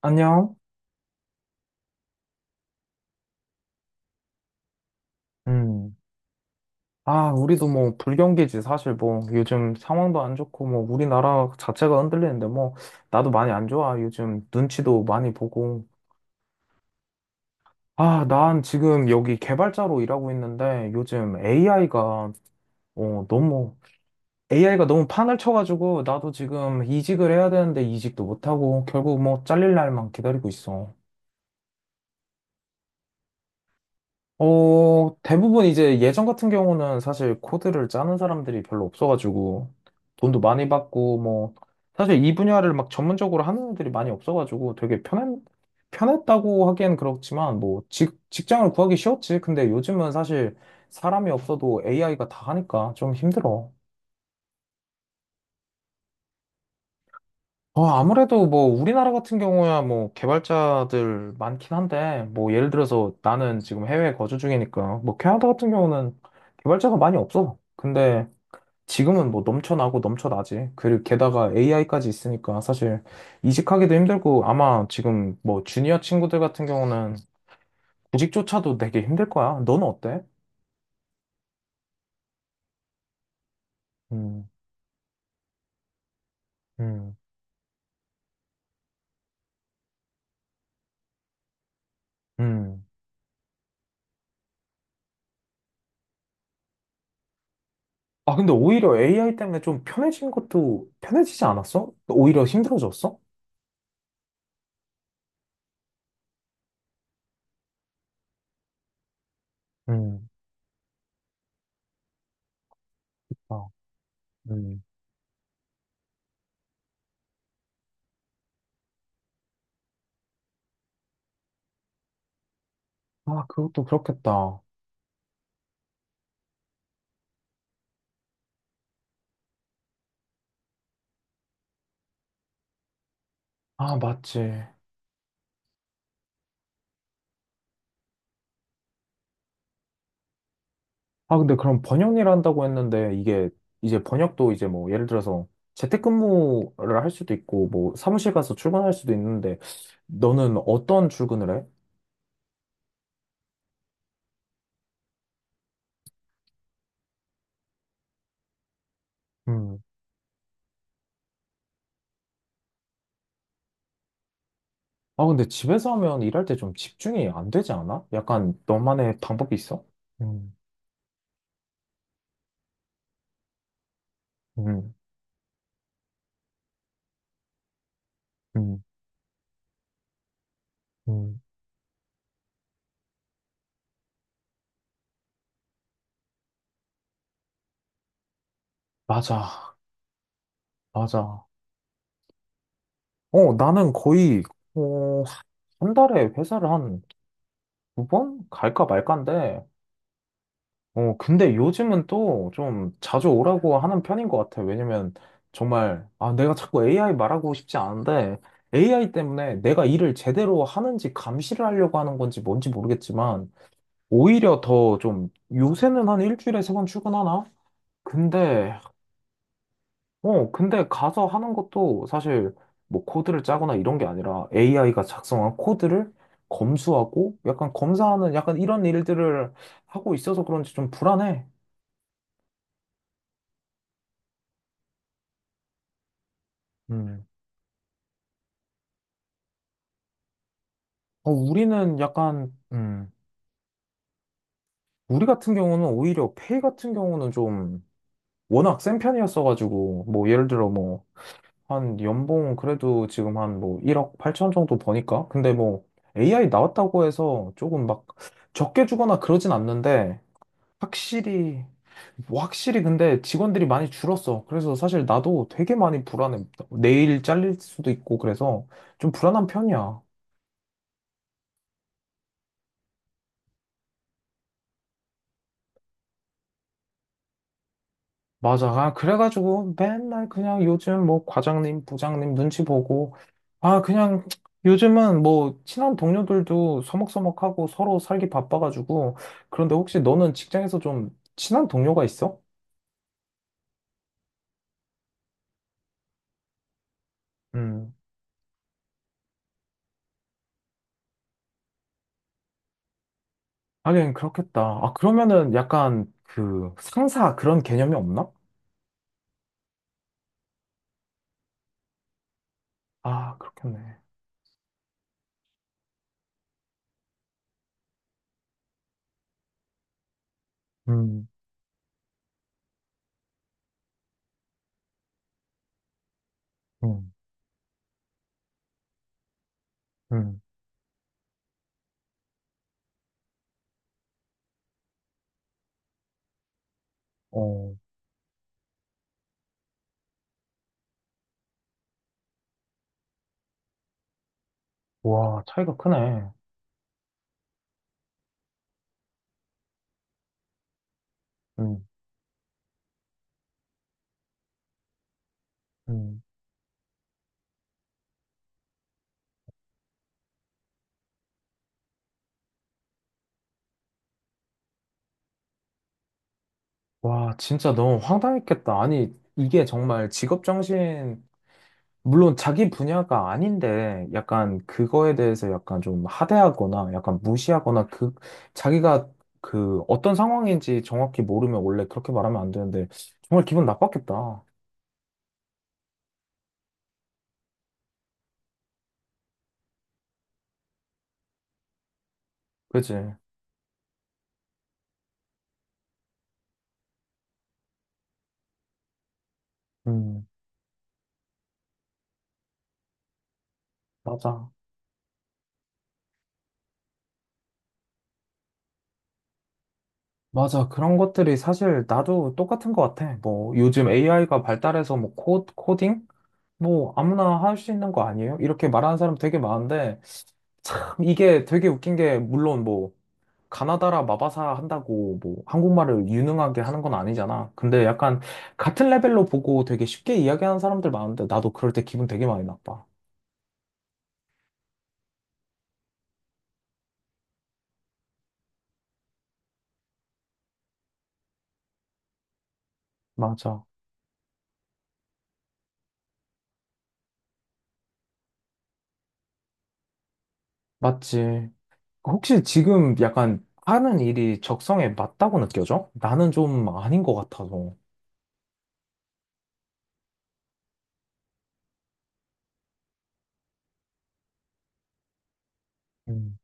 안녕. 음. 아, 우리도 뭐 불경기지 사실 뭐 요즘 상황도 안 좋고 뭐 우리나라 자체가 흔들리는데 뭐 나도 많이 안 좋아. 요즘 눈치도 많이 보고. 아, 난 지금 여기 개발자로 일하고 있는데 요즘 AI가 어, 너무 AI가 너무 판을 쳐가지고 나도 지금 이직을 해야 되는데 이직도 못하고 결국 뭐 잘릴 날만 기다리고 있어. 어, 대부분 이제 예전 같은 경우는 사실 코드를 짜는 사람들이 별로 없어가지고 돈도 많이 받고 뭐 사실 이 분야를 막 전문적으로 하는 애들이 많이 없어가지고 되게 편한 편했다고 하기엔 그렇지만 뭐 직장을 구하기 쉬웠지. 근데 요즘은 사실 사람이 없어도 AI가 다 하니까 좀 힘들어. 어, 아무래도 뭐 우리나라 같은 경우야 뭐 개발자들 많긴 한데 뭐 예를 들어서 나는 지금 해외에 거주 중이니까 뭐 캐나다 같은 경우는 개발자가 많이 없어. 근데 지금은 뭐 넘쳐나고 넘쳐나지. 그리고 게다가 AI까지 있으니까 사실 이직하기도 힘들고 아마 지금 뭐 주니어 친구들 같은 경우는 구직조차도 되게 힘들 거야. 너는 어때? 음, 음, 음. 아, 근데 오히려 AI 때문에 좀 편해진 것도 편해지지 않았어? 오히려 힘들어졌어? 음. 음. 아, 그것도 그렇겠다. 아, 맞지. 아, 근데 그럼 번역 일 한다고 했는데 이게 이제 번역도 이제 뭐 예를 들어서 재택근무를 할 수도 있고 뭐 사무실 가서 출근할 수도 있는데 너는 어떤 출근을 해? 음. 아, 근데 집에서 하면 일할 때 좀 집중이 안 되지 않아? 약간 너만의 방법이 있어? 음, 음, 음, 음. 맞아, 맞아. 어, 나는 거의, 어, 한 달에 회사를 한 두 번 갈까 말까인데, 어, 근데 요즘은 또 좀 자주 오라고 하는 편인 것 같아. 왜냐면 정말, 아, 내가 자꾸 AI 말하고 싶지 않은데 AI 때문에 내가 일을 제대로 하는지 감시를 하려고 하는 건지 뭔지 모르겠지만 오히려 더 좀 요새는 한 일주일에 세 번 출근하나? 근데, 근데 가서 하는 것도 사실 뭐 코드를 짜거나 이런 게 아니라 AI가 작성한 코드를 검수하고 약간 검사하는 약간 이런 일들을 하고 있어서 그런지 좀 불안해. 음. 어, 우리는 약간, 우리 같은 경우는 오히려 페이 같은 경우는 좀 워낙 센 편이었어가지고, 뭐, 예를 들어 뭐, 한 연봉 그래도 지금 한 뭐, 1억 8천 정도 버니까? 근데 뭐, AI 나왔다고 해서 조금 막 적게 주거나 그러진 않는데, 확실히, 확실히 근데 직원들이 많이 줄었어. 그래서 사실 나도 되게 많이 불안해. 내일 잘릴 수도 있고, 그래서 좀 불안한 편이야. 맞아. 아, 그래가지고 맨날 그냥 요즘 뭐 과장님, 부장님 눈치 보고, 아, 그냥 요즘은 뭐 친한 동료들도 서먹서먹하고 서로 살기 바빠가지고, 그런데 혹시 너는 직장에서 좀 친한 동료가 있어? 음, 하긴 그렇겠다. 아, 그러면은 약간 그 상사 그런 개념이 없나? 아, 그렇겠네. 음, 음, 음. 어, 와, 차이가 크네. 음, 음. 와, 진짜 너무 황당했겠다. 아니, 이게 정말 직업 정신, 물론 자기 분야가 아닌데, 약간 그거에 대해서 약간 좀 하대하거나, 약간 무시하거나, 그, 자기가 그 어떤 상황인지 정확히 모르면 원래 그렇게 말하면 안 되는데, 정말 기분 나빴겠다. 그지? 음, 맞아. 맞아. 그런 것들이 사실 나도 똑같은 것 같아. 뭐, 요즘 AI가 발달해서 뭐, 코딩? 뭐, 아무나 할 수 있는 거 아니에요? 이렇게 말하는 사람 되게 많은데, 참 이게 되게 웃긴 게 물론 뭐 가나다라 마바사 한다고 뭐 한국말을 유능하게 하는 건 아니잖아. 근데 약간 같은 레벨로 보고 되게 쉽게 이야기하는 사람들 많은데 나도 그럴 때 기분 되게 많이 나빠. 맞아. 맞지. 혹시 지금 약간 하는 일이 적성에 맞다고 느껴져? 나는 좀 아닌 것 같아서. 음.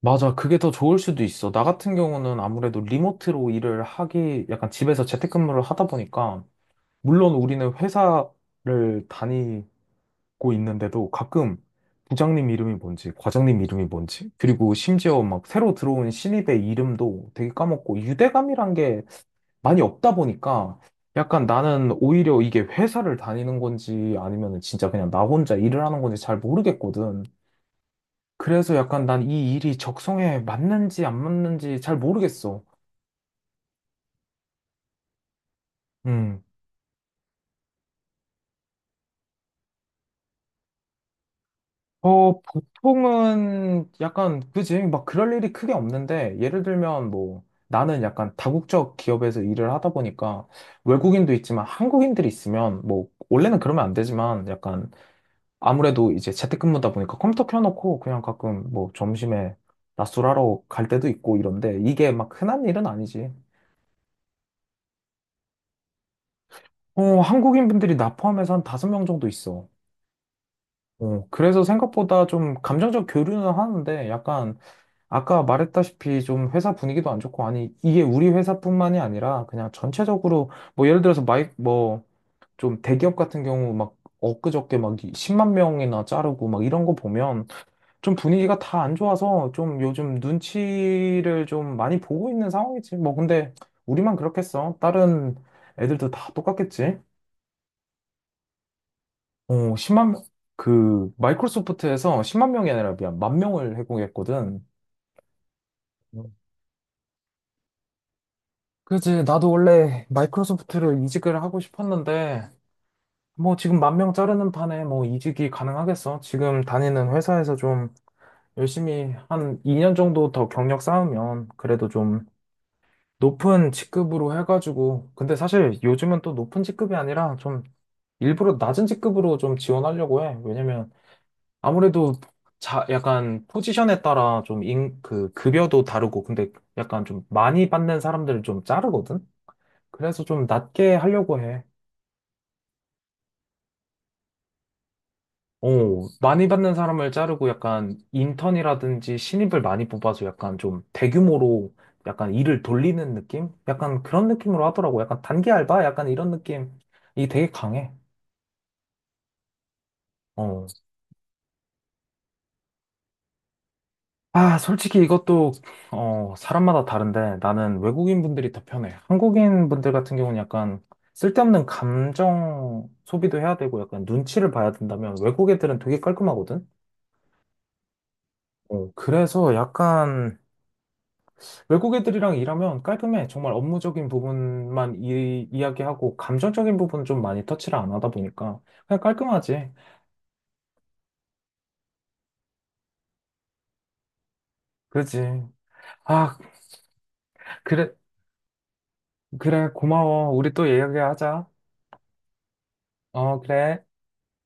맞아. 그게 더 좋을 수도 있어. 나 같은 경우는 아무래도 리모트로 일을 하기, 약간 집에서 재택근무를 하다 보니까, 물론 우리는 회사를 고 있는데도 가끔 부장님 이름이 뭔지, 과장님 이름이 뭔지, 그리고 심지어 막 새로 들어온 신입의 이름도 되게 까먹고 유대감이란 게 많이 없다 보니까 약간 나는 오히려 이게 회사를 다니는 건지 아니면 진짜 그냥 나 혼자 일을 하는 건지 잘 모르겠거든. 그래서 약간 난 이 일이 적성에 맞는지 안 맞는지 잘 모르겠어. 음. 어, 보통은 약간, 그지? 막 그럴 일이 크게 없는데, 예를 들면 뭐, 나는 약간 다국적 기업에서 일을 하다 보니까, 외국인도 있지만 한국인들이 있으면, 뭐, 원래는 그러면 안 되지만, 약간, 아무래도 이제 재택근무다 보니까 컴퓨터 켜놓고, 그냥 가끔 뭐, 점심에 낮술하러 갈 때도 있고 이런데, 이게 막 흔한 일은 아니지. 어, 한국인 분들이 나 포함해서 한 다섯 명 정도 있어. 어, 그래서 생각보다 좀 감정적 교류는 하는데, 약간, 아까 말했다시피 좀 회사 분위기도 안 좋고, 아니, 이게 우리 회사뿐만이 아니라 그냥 전체적으로, 뭐 예를 들어서 뭐 좀 대기업 같은 경우 막 엊그저께 막 10만 명이나 자르고 막 이런 거 보면 좀 분위기가 다 안 좋아서 좀 요즘 눈치를 좀 많이 보고 있는 상황이지. 뭐 근데 우리만 그렇겠어. 다른 애들도 다 똑같겠지. 어, 10만 명, 그 마이크로소프트에서 10만 명이 아니라 미안, 만 명을 해고했거든. 그지. 나도 원래 마이크로소프트를 이직을 하고 싶었는데, 뭐 지금 만 명 자르는 판에 뭐 이직이 가능하겠어. 지금 다니는 회사에서 좀 열심히 한 2년 정도 더 경력 쌓으면 그래도 좀 높은 직급으로 해가지고. 근데 사실 요즘은 또 높은 직급이 아니라 좀 일부러 낮은 직급으로 좀 지원하려고 해. 왜냐면 아무래도 약간 포지션에 따라 좀 그 급여도 다르고, 근데 약간 좀 많이 받는 사람들을 좀 자르거든? 그래서 좀 낮게 하려고 해. 어, 많이 받는 사람을 자르고 약간 인턴이라든지 신입을 많이 뽑아서 약간 좀 대규모로 약간 일을 돌리는 느낌? 약간 그런 느낌으로 하더라고. 약간 단기 알바? 약간 이런 느낌이 되게 강해. 어. 아, 솔직히 이것도, 사람마다 다른데 나는 외국인 분들이 더 편해. 한국인 분들 같은 경우는 약간 쓸데없는 감정 소비도 해야 되고 약간 눈치를 봐야 된다면 외국 애들은 되게 깔끔하거든? 어, 그래서 약간 외국 애들이랑 일하면 깔끔해. 정말 업무적인 부분만 이야기하고 감정적인 부분 좀 많이 터치를 안 하다 보니까 그냥 깔끔하지. 그지. 아, 그래, 그래, 고마워. 우리 또 얘기하자. 어, 그래.